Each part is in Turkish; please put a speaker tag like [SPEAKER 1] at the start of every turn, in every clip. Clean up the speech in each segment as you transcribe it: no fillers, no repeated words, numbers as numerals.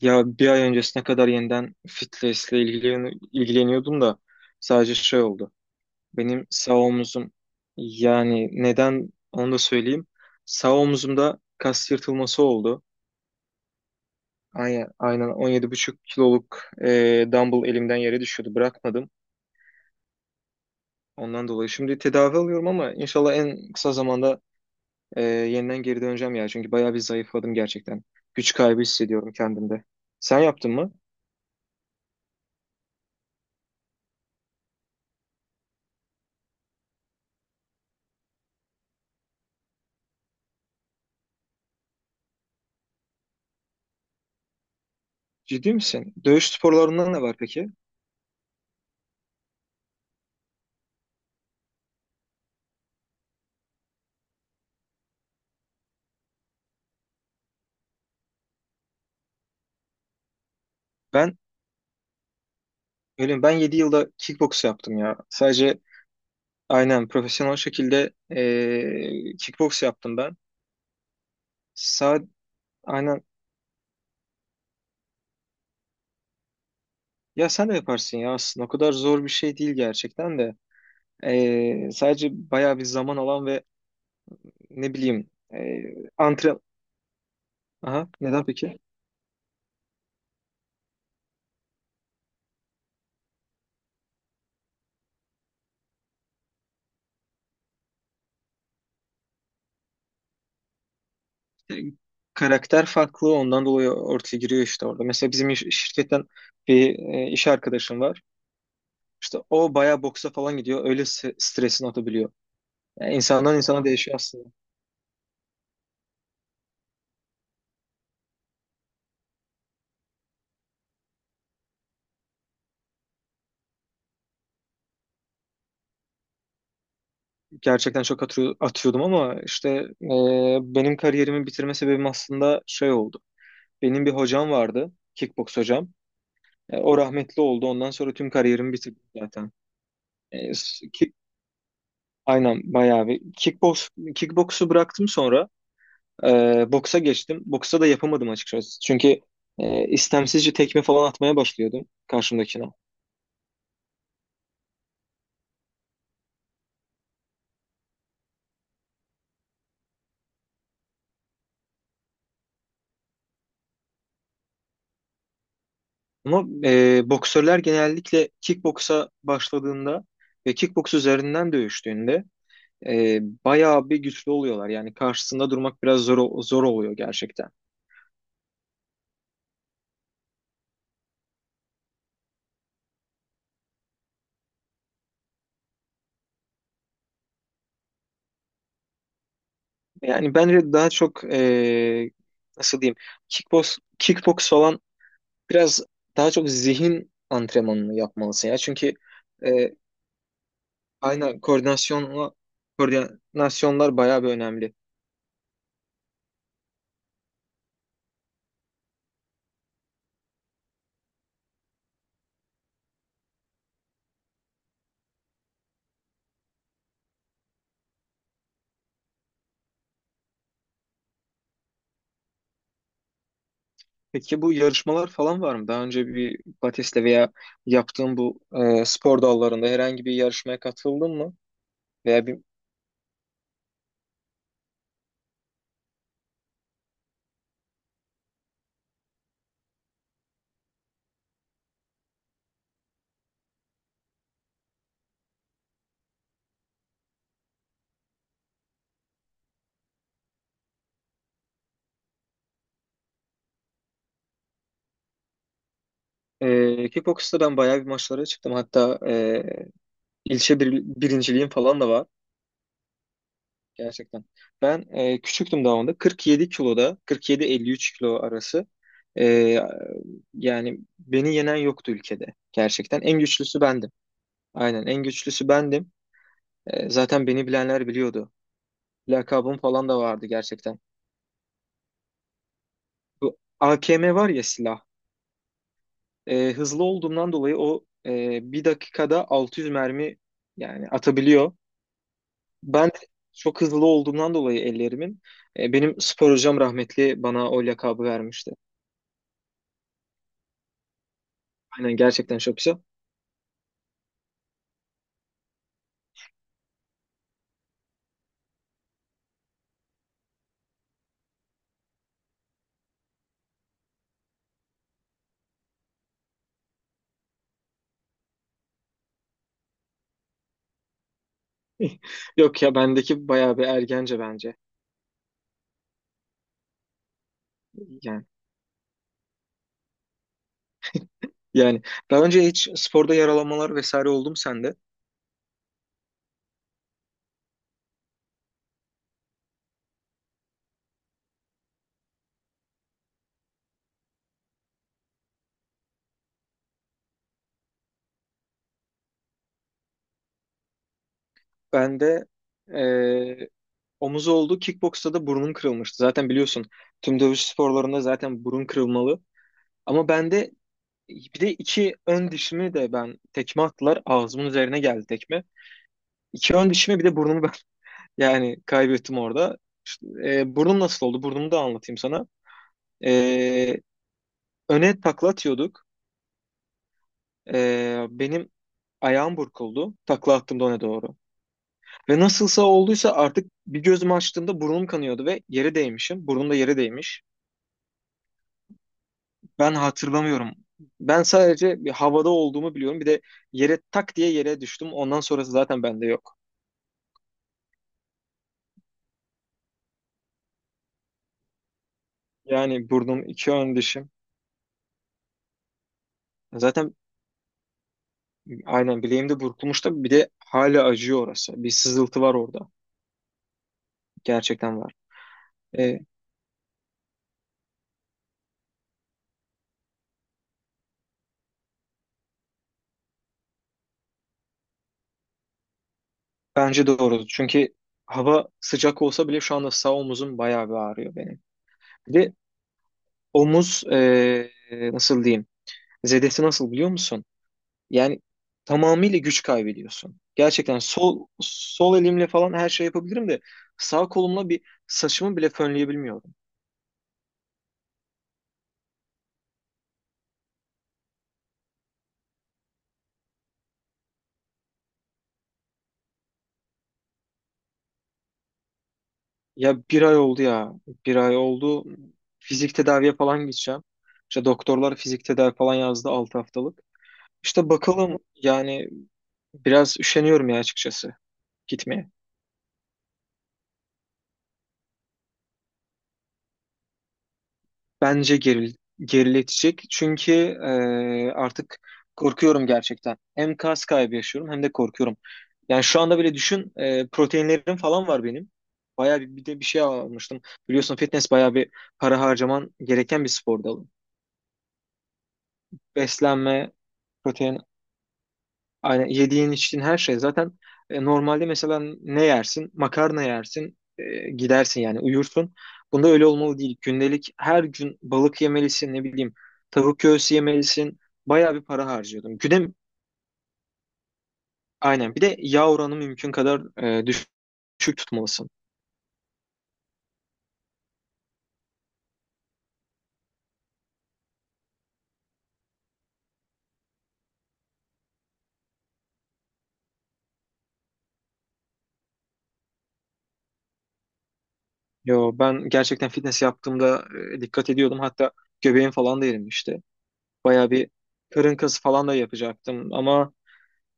[SPEAKER 1] Ya bir ay öncesine kadar yeniden fitness'le ilgileniyordum da sadece şey oldu. Benim sağ omuzum, yani neden onu da söyleyeyim. Sağ omuzumda kas yırtılması oldu. Aynen, aynen 17,5 kiloluk dumbbell elimden yere düşüyordu. Bırakmadım. Ondan dolayı şimdi tedavi alıyorum ama inşallah en kısa zamanda yeniden geri döneceğim ya. Çünkü bayağı bir zayıfladım gerçekten. Güç kaybı hissediyorum kendimde. Sen yaptın mı? Ciddi misin? Dövüş sporlarından ne var peki? Ben Öyle mi? Ben 7 yılda kickboks yaptım ya. Sadece aynen profesyonel şekilde kickboks yaptım ben. Sa aynen ya sen de yaparsın ya aslında. O kadar zor bir şey değil gerçekten de. Sadece bayağı bir zaman alan ve ne bileyim antre... Aha neden peki? E, Karakter farklı, ondan dolayı ortaya giriyor işte orada. Mesela bizim şirketten bir iş arkadaşım var. İşte o bayağı boksa falan gidiyor. Öyle stresini atabiliyor. Yani insandan insana değişiyor. Gerçekten çok atıyordum ama işte e, benim kariyerimi bitirme sebebim aslında şey oldu. Benim bir hocam vardı, kickboks hocam. O rahmetli oldu. Ondan sonra tüm kariyerimi bitirdim zaten. E, s- ki- aynen bayağı bir kickboksu bıraktım, sonra boksa geçtim. Boksa da yapamadım açıkçası. Çünkü istemsizce tekme falan atmaya başlıyordum karşımdakine. Ama boksörler genellikle kickboksa başladığında ve kickboks üzerinden dövüştüğünde e, bayağı bir güçlü oluyorlar. Yani karşısında durmak biraz zor zor oluyor gerçekten. Yani bence daha çok, nasıl diyeyim, kickbox falan biraz daha çok zihin antrenmanını yapmalısın ya. Çünkü e, aynen koordinasyonlar bayağı bir önemli. Peki bu yarışmalar falan var mı? Daha önce bir Batiste veya yaptığın bu spor dallarında herhangi bir yarışmaya katıldın mı? Veya bir kickbox'ta ben bayağı bir maçlara çıktım. Hatta İlçe birinciliğim falan da var gerçekten. Ben küçüktüm daha onda. 47 kiloda, 47-53 kilo arası. E, yani beni yenen yoktu ülkede gerçekten. En güçlüsü bendim. Aynen en güçlüsü bendim. Zaten beni bilenler biliyordu. Lakabım falan da vardı gerçekten. Bu AKM var ya, silah. Hızlı olduğumdan dolayı, o bir dakikada 600 mermi yani atabiliyor. Ben de çok hızlı olduğumdan dolayı ellerimin, benim spor hocam rahmetli bana o lakabı vermişti. Aynen, gerçekten çok güzel. Yok ya, bendeki bayağı bir ergence bence. Yani yani daha önce hiç sporda yaralanmalar vesaire oldu mu sende? Bende e, omuz oldu. Kickboksta da burnum kırılmıştı. Zaten biliyorsun, tüm dövüş sporlarında zaten burun kırılmalı. Ama bende bir de iki ön dişimi de ben, tekme attılar. Ağzımın üzerine geldi tekme. İki ön dişimi bir de burnumu, yani kaybettim orada. İşte, burnum nasıl oldu? Burnumu da anlatayım sana. E, öne takla atıyorduk. Benim ayağım burkuldu, takla attığımda öne doğru. Ve nasılsa olduysa artık bir gözümü açtığımda burnum kanıyordu ve yere değmişim. Burnum da yere değmiş. Ben hatırlamıyorum. Ben sadece bir havada olduğumu biliyorum. Bir de yere tak diye yere düştüm. Ondan sonrası zaten bende yok. Yani burnum, iki ön dişim. Zaten aynen bileğimde burkulmuş da bir de hala acıyor orası. Bir sızıltı var orada. Gerçekten var. E, bence doğru. Çünkü hava sıcak olsa bile şu anda sağ omuzum bayağı bir ağrıyor benim. Bir de omuz, nasıl diyeyim? Zedesi nasıl, biliyor musun? Yani tamamıyla güç kaybediyorsun. Gerçekten sol elimle falan her şey yapabilirim de sağ kolumla bir saçımı bile fönleyebilmiyorum. Ya bir ay oldu ya. Bir ay oldu. Fizik tedaviye falan gideceğim. İşte doktorlar fizik tedavi falan yazdı, 6 haftalık. İşte bakalım yani, biraz üşeniyorum ya açıkçası gitmeye. Bence geriletecek. Çünkü artık korkuyorum gerçekten. Hem kas kaybı yaşıyorum, hem de korkuyorum. Yani şu anda bile düşün, proteinlerim falan var benim. Bayağı bir de bir şey almıştım. Biliyorsun, fitness bayağı bir para harcaman gereken bir spor dalı. Beslenme, protein Aynen, yediğin içtiğin her şey zaten, normalde mesela ne yersin? Makarna yersin, gidersin, yani uyursun. Bunda öyle olmalı değil. Gündelik her gün balık yemelisin, ne bileyim, tavuk göğsü yemelisin. Bayağı bir para harcıyordum. Aynen, bir de yağ oranı mümkün kadar, düşük tutmalısın. Yo, ben gerçekten fitness yaptığımda dikkat ediyordum. Hatta göbeğim falan da erimişti. Bayağı bir karın kası falan da yapacaktım ama,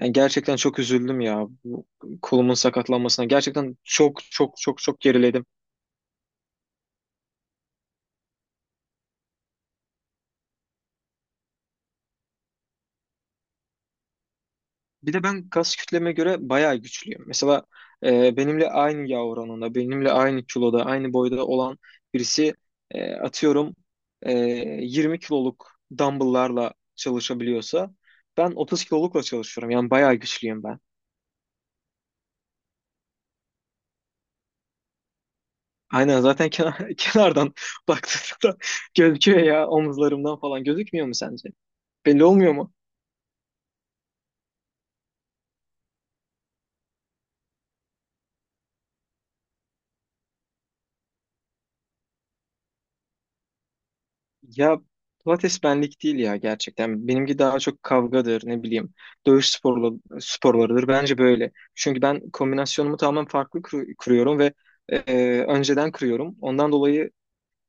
[SPEAKER 1] yani gerçekten çok üzüldüm ya bu kolumun sakatlanmasına. Gerçekten çok çok çok çok geriledim. Bir de ben kas kütleme göre bayağı güçlüyüm. Mesela benimle aynı yağ oranında, benimle aynı kiloda, aynı boyda olan birisi, atıyorum, e, 20 kiloluk dumbbell'larla çalışabiliyorsa, ben 30 kilolukla çalışıyorum. Yani bayağı güçlüyüm ben. Aynen, zaten kenardan baktığında gözüküyor ya, omuzlarımdan falan gözükmüyor mu sence? Belli olmuyor mu? Ya, Pilates benlik değil ya gerçekten. Benimki daha çok kavgadır, ne bileyim. Dövüş sporlarıdır. Bence böyle. Çünkü ben kombinasyonumu tamamen farklı kuruyorum ve e, önceden kuruyorum. Ondan dolayı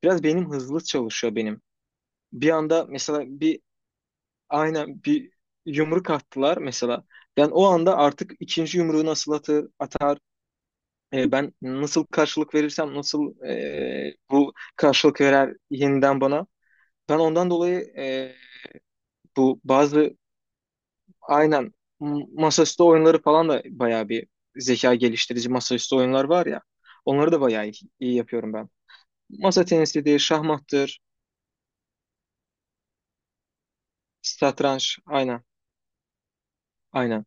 [SPEAKER 1] biraz benim hızlı çalışıyor benim. Bir anda mesela bir yumruk attılar mesela. Ben o anda artık ikinci yumruğu nasıl atar, ben nasıl karşılık verirsem, nasıl bu karşılık verer yeniden bana. Ben ondan dolayı Bu bazı aynen Masaüstü oyunları falan da bayağı bir zeka geliştirici masaüstü oyunlar var ya. Onları da bayağı iyi yapıyorum ben. Masa tenisidir, şahmattır, satranç, aynen, aynen.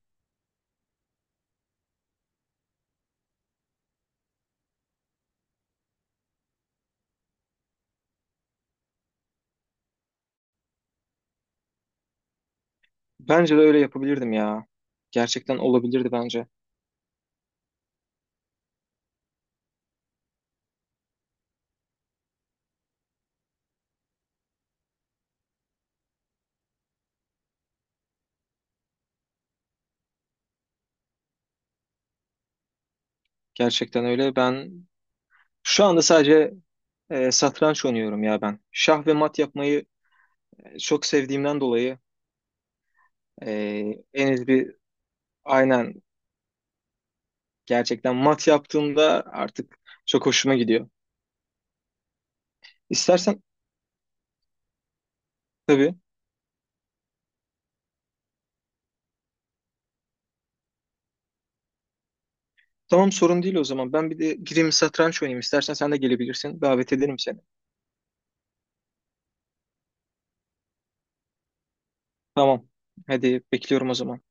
[SPEAKER 1] Bence de öyle yapabilirdim ya. Gerçekten olabilirdi bence. Gerçekten öyle. Ben şu anda sadece satranç oynuyorum ya ben. Şah ve mat yapmayı çok sevdiğimden dolayı, e, en az bir aynen, gerçekten mat yaptığımda artık çok hoşuma gidiyor. İstersen Tabii. Tamam, sorun değil o zaman. Ben bir de gireyim satranç oynayayım. İstersen sen de gelebilirsin. Davet ederim seni. Tamam. Hadi bekliyorum o zaman.